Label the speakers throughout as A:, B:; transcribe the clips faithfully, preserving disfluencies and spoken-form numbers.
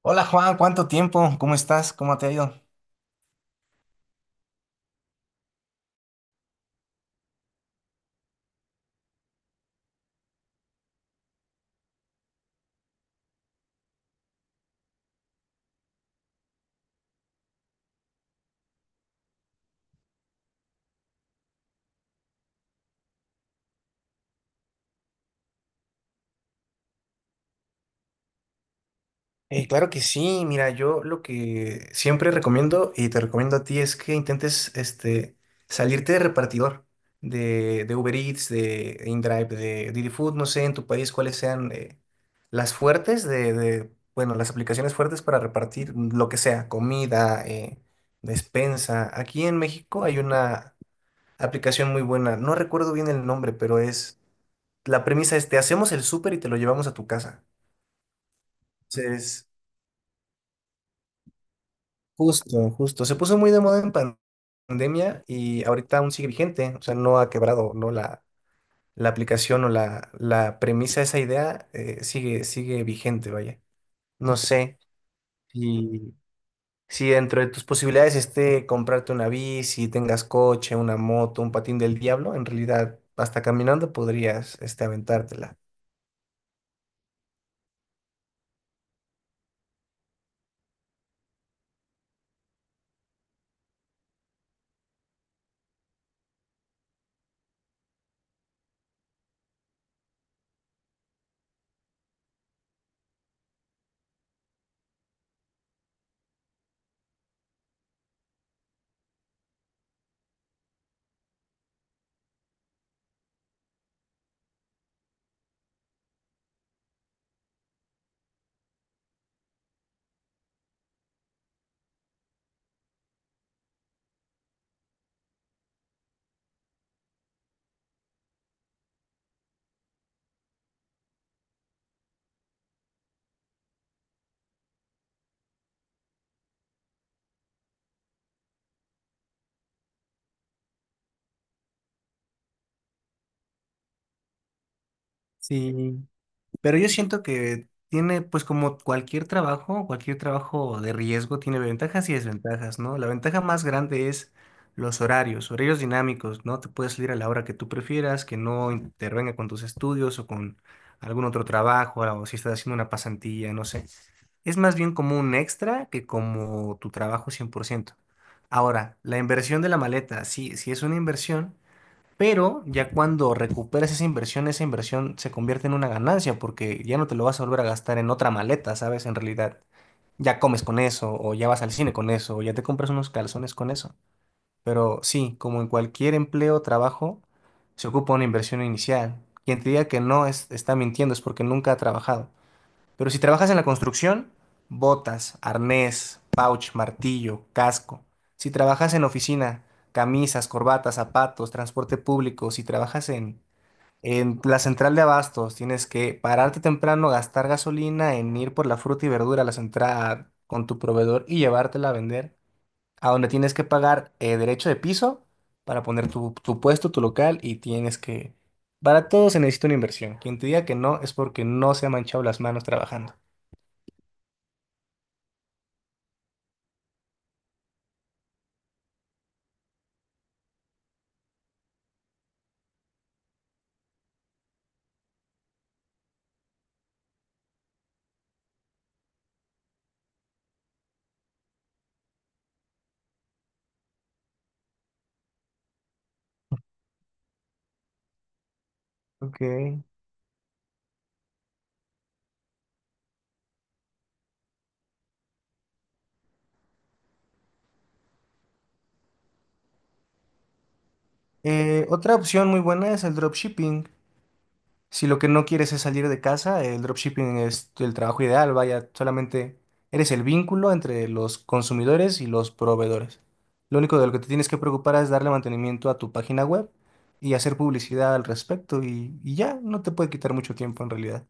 A: Hola Juan, ¿cuánto tiempo? ¿Cómo estás? ¿Cómo te ha ido? Eh, claro que sí, mira, yo lo que siempre recomiendo y te recomiendo a ti es que intentes este, salirte de repartidor, de, de Uber Eats, de InDrive, de Didi Food, no sé en tu país cuáles sean eh, las fuertes de, de, bueno, las aplicaciones fuertes para repartir lo que sea, comida, eh, despensa. Aquí en México hay una aplicación muy buena, no recuerdo bien el nombre, pero es... La premisa es, te hacemos el súper y te lo llevamos a tu casa. Entonces, justo, justo. Se puso muy de moda en pan- pandemia y ahorita aún sigue vigente. O sea, no ha quebrado, ¿no? La, la aplicación o la, la premisa, esa idea eh, sigue, sigue vigente, vaya. No sé si, si dentro de tus posibilidades esté comprarte una bici, tengas coche, una moto, un patín del diablo. En realidad, hasta caminando podrías este, aventártela. Sí, pero yo siento que tiene, pues como cualquier trabajo, cualquier trabajo de riesgo tiene ventajas y desventajas, ¿no? La ventaja más grande es los horarios, horarios dinámicos, ¿no? Te puedes salir a la hora que tú prefieras, que no intervenga con tus estudios o con algún otro trabajo, o si estás haciendo una pasantía, no sé. Es más bien como un extra que como tu trabajo cien por ciento. Ahora, la inversión de la maleta, sí, sí es una inversión, pero ya cuando recuperas esa inversión, esa inversión se convierte en una ganancia porque ya no te lo vas a volver a gastar en otra maleta, ¿sabes? En realidad, ya comes con eso, o ya vas al cine con eso, o ya te compras unos calzones con eso. Pero sí, como en cualquier empleo o trabajo, se ocupa una inversión inicial. Quien te diga que no es- está mintiendo, es porque nunca ha trabajado. Pero si trabajas en la construcción, botas, arnés, pouch, martillo, casco. Si trabajas en oficina, camisas, corbatas, zapatos, transporte público. Si trabajas en, en la central de abastos, tienes que pararte temprano, gastar gasolina en ir por la fruta y verdura a la central con tu proveedor y llevártela a vender, a donde tienes que pagar eh, derecho de piso para poner tu, tu puesto, tu local y tienes que... Para todo se necesita una inversión. Quien te diga que no es porque no se ha manchado las manos trabajando. Ok. Eh, otra opción muy buena es el dropshipping. Si lo que no quieres es salir de casa, el dropshipping es el trabajo ideal. Vaya, solamente eres el vínculo entre los consumidores y los proveedores. Lo único de lo que te tienes que preocupar es darle mantenimiento a tu página web y hacer publicidad al respecto y, y ya no te puede quitar mucho tiempo en realidad.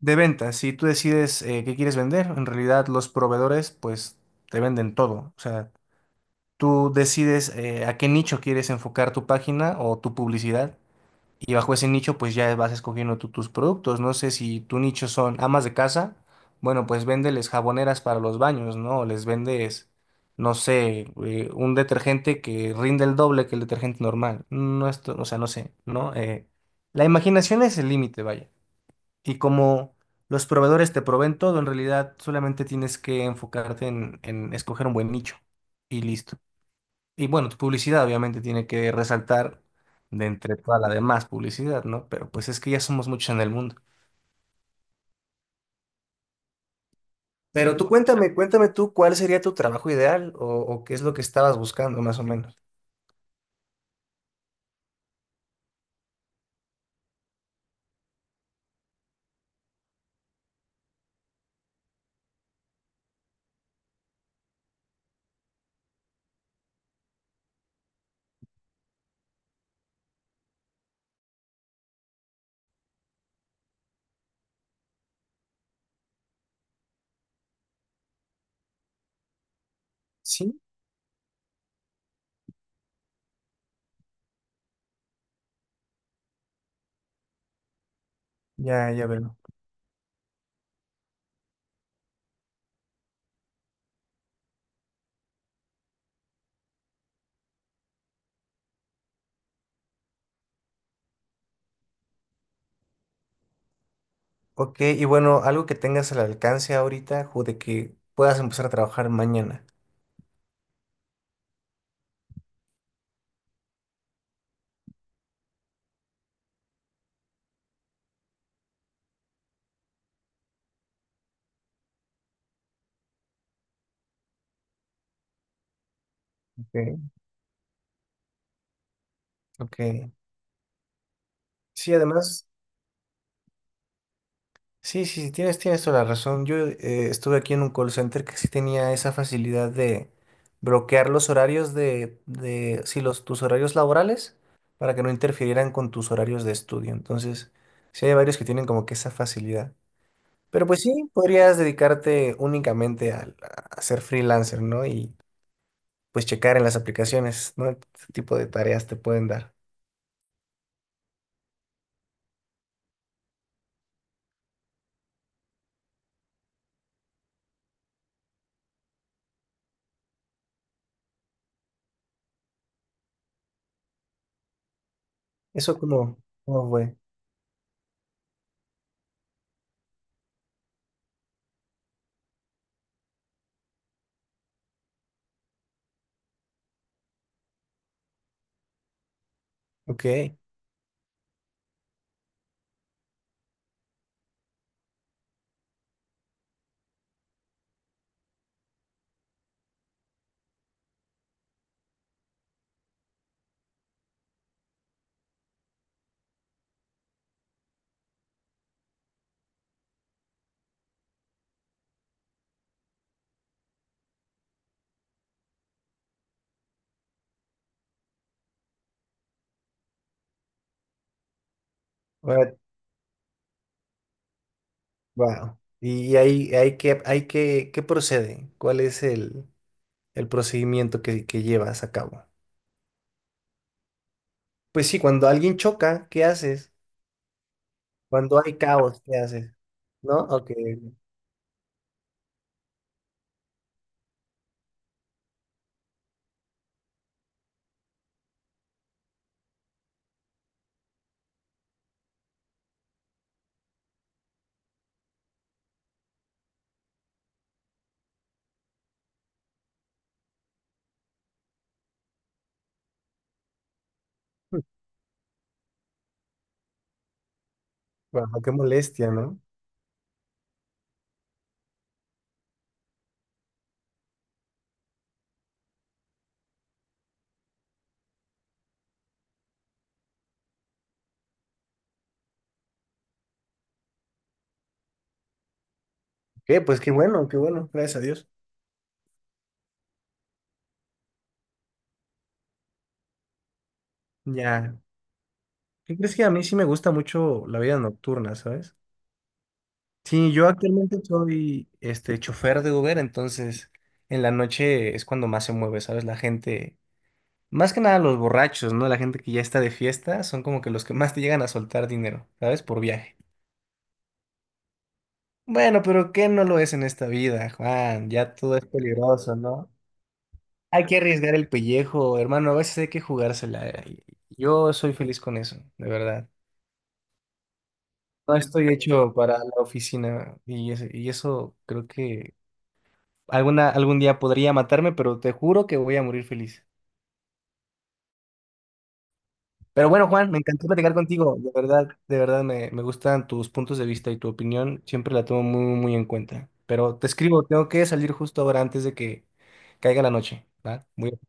A: De ventas, si tú decides eh, qué quieres vender, en realidad los proveedores pues te venden todo. O sea, tú decides eh, a qué nicho quieres enfocar tu página o tu publicidad y bajo ese nicho pues ya vas escogiendo tú tus productos. No sé si tu nicho son amas de casa, bueno pues véndeles jaboneras para los baños, ¿no? O les vendes, no sé, eh, un detergente que rinde el doble que el detergente normal. No esto, o sea, no sé, ¿no? Eh, la imaginación es el límite, vaya. Y como los proveedores te proveen todo, en realidad solamente tienes que enfocarte en en escoger un buen nicho y listo. Y bueno, tu publicidad obviamente tiene que resaltar de entre toda la demás publicidad, ¿no? Pero pues es que ya somos muchos en el mundo. Pero tú cuéntame, cuéntame tú cuál sería tu trabajo ideal o, o qué es lo que estabas buscando más o menos. Sí, ya, ya veo. Ok, y bueno, algo que tengas al alcance ahorita o de que puedas empezar a trabajar mañana. Ok, ok. Sí, además. Sí, sí, sí, tienes, tienes toda la razón. Yo eh, estuve aquí en un call center que sí tenía esa facilidad de bloquear los horarios de, de sí, los, tus horarios laborales para que no interfirieran con tus horarios de estudio. Entonces, sí hay varios que tienen como que esa facilidad. Pero pues sí, podrías dedicarte únicamente a, a ser freelancer, ¿no? Y pues checar en las aplicaciones, ¿no? Qué tipo de tareas te pueden dar. Eso como, ¿cómo fue? Ok. Bueno, wow. Y ahí, ahí que, hay que, ¿qué procede? ¿Cuál es el, el procedimiento que, que llevas a cabo? Pues sí, cuando alguien choca, ¿qué haces? Cuando hay caos, ¿qué haces? ¿No? Ok. Wow, qué molestia, ¿no? ¿Qué? Pues qué bueno, qué bueno, gracias a Dios. Ya. ¿Qué crees? Que a mí sí me gusta mucho la vida nocturna, ¿sabes? Sí, yo actualmente soy este chofer de Uber, entonces en la noche es cuando más se mueve, ¿sabes? La gente, más que nada los borrachos, ¿no? La gente que ya está de fiesta son como que los que más te llegan a soltar dinero, ¿sabes? Por viaje. Bueno, pero ¿qué no lo es en esta vida, Juan? Ya todo es peligroso, ¿no? Hay que arriesgar el pellejo, hermano. A veces hay que jugársela. Eh, y yo soy feliz con eso, de verdad. No estoy hecho para la oficina y eso, y eso creo que alguna, algún día podría matarme, pero te juro que voy a morir feliz. Pero bueno, Juan, me encantó platicar contigo. De verdad, de verdad me, me gustan tus puntos de vista y tu opinión. Siempre la tomo muy, muy en cuenta. Pero te escribo, tengo que salir justo ahora antes de que caiga la noche, ¿va? Muy bien.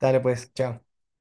A: Dale pues, chao.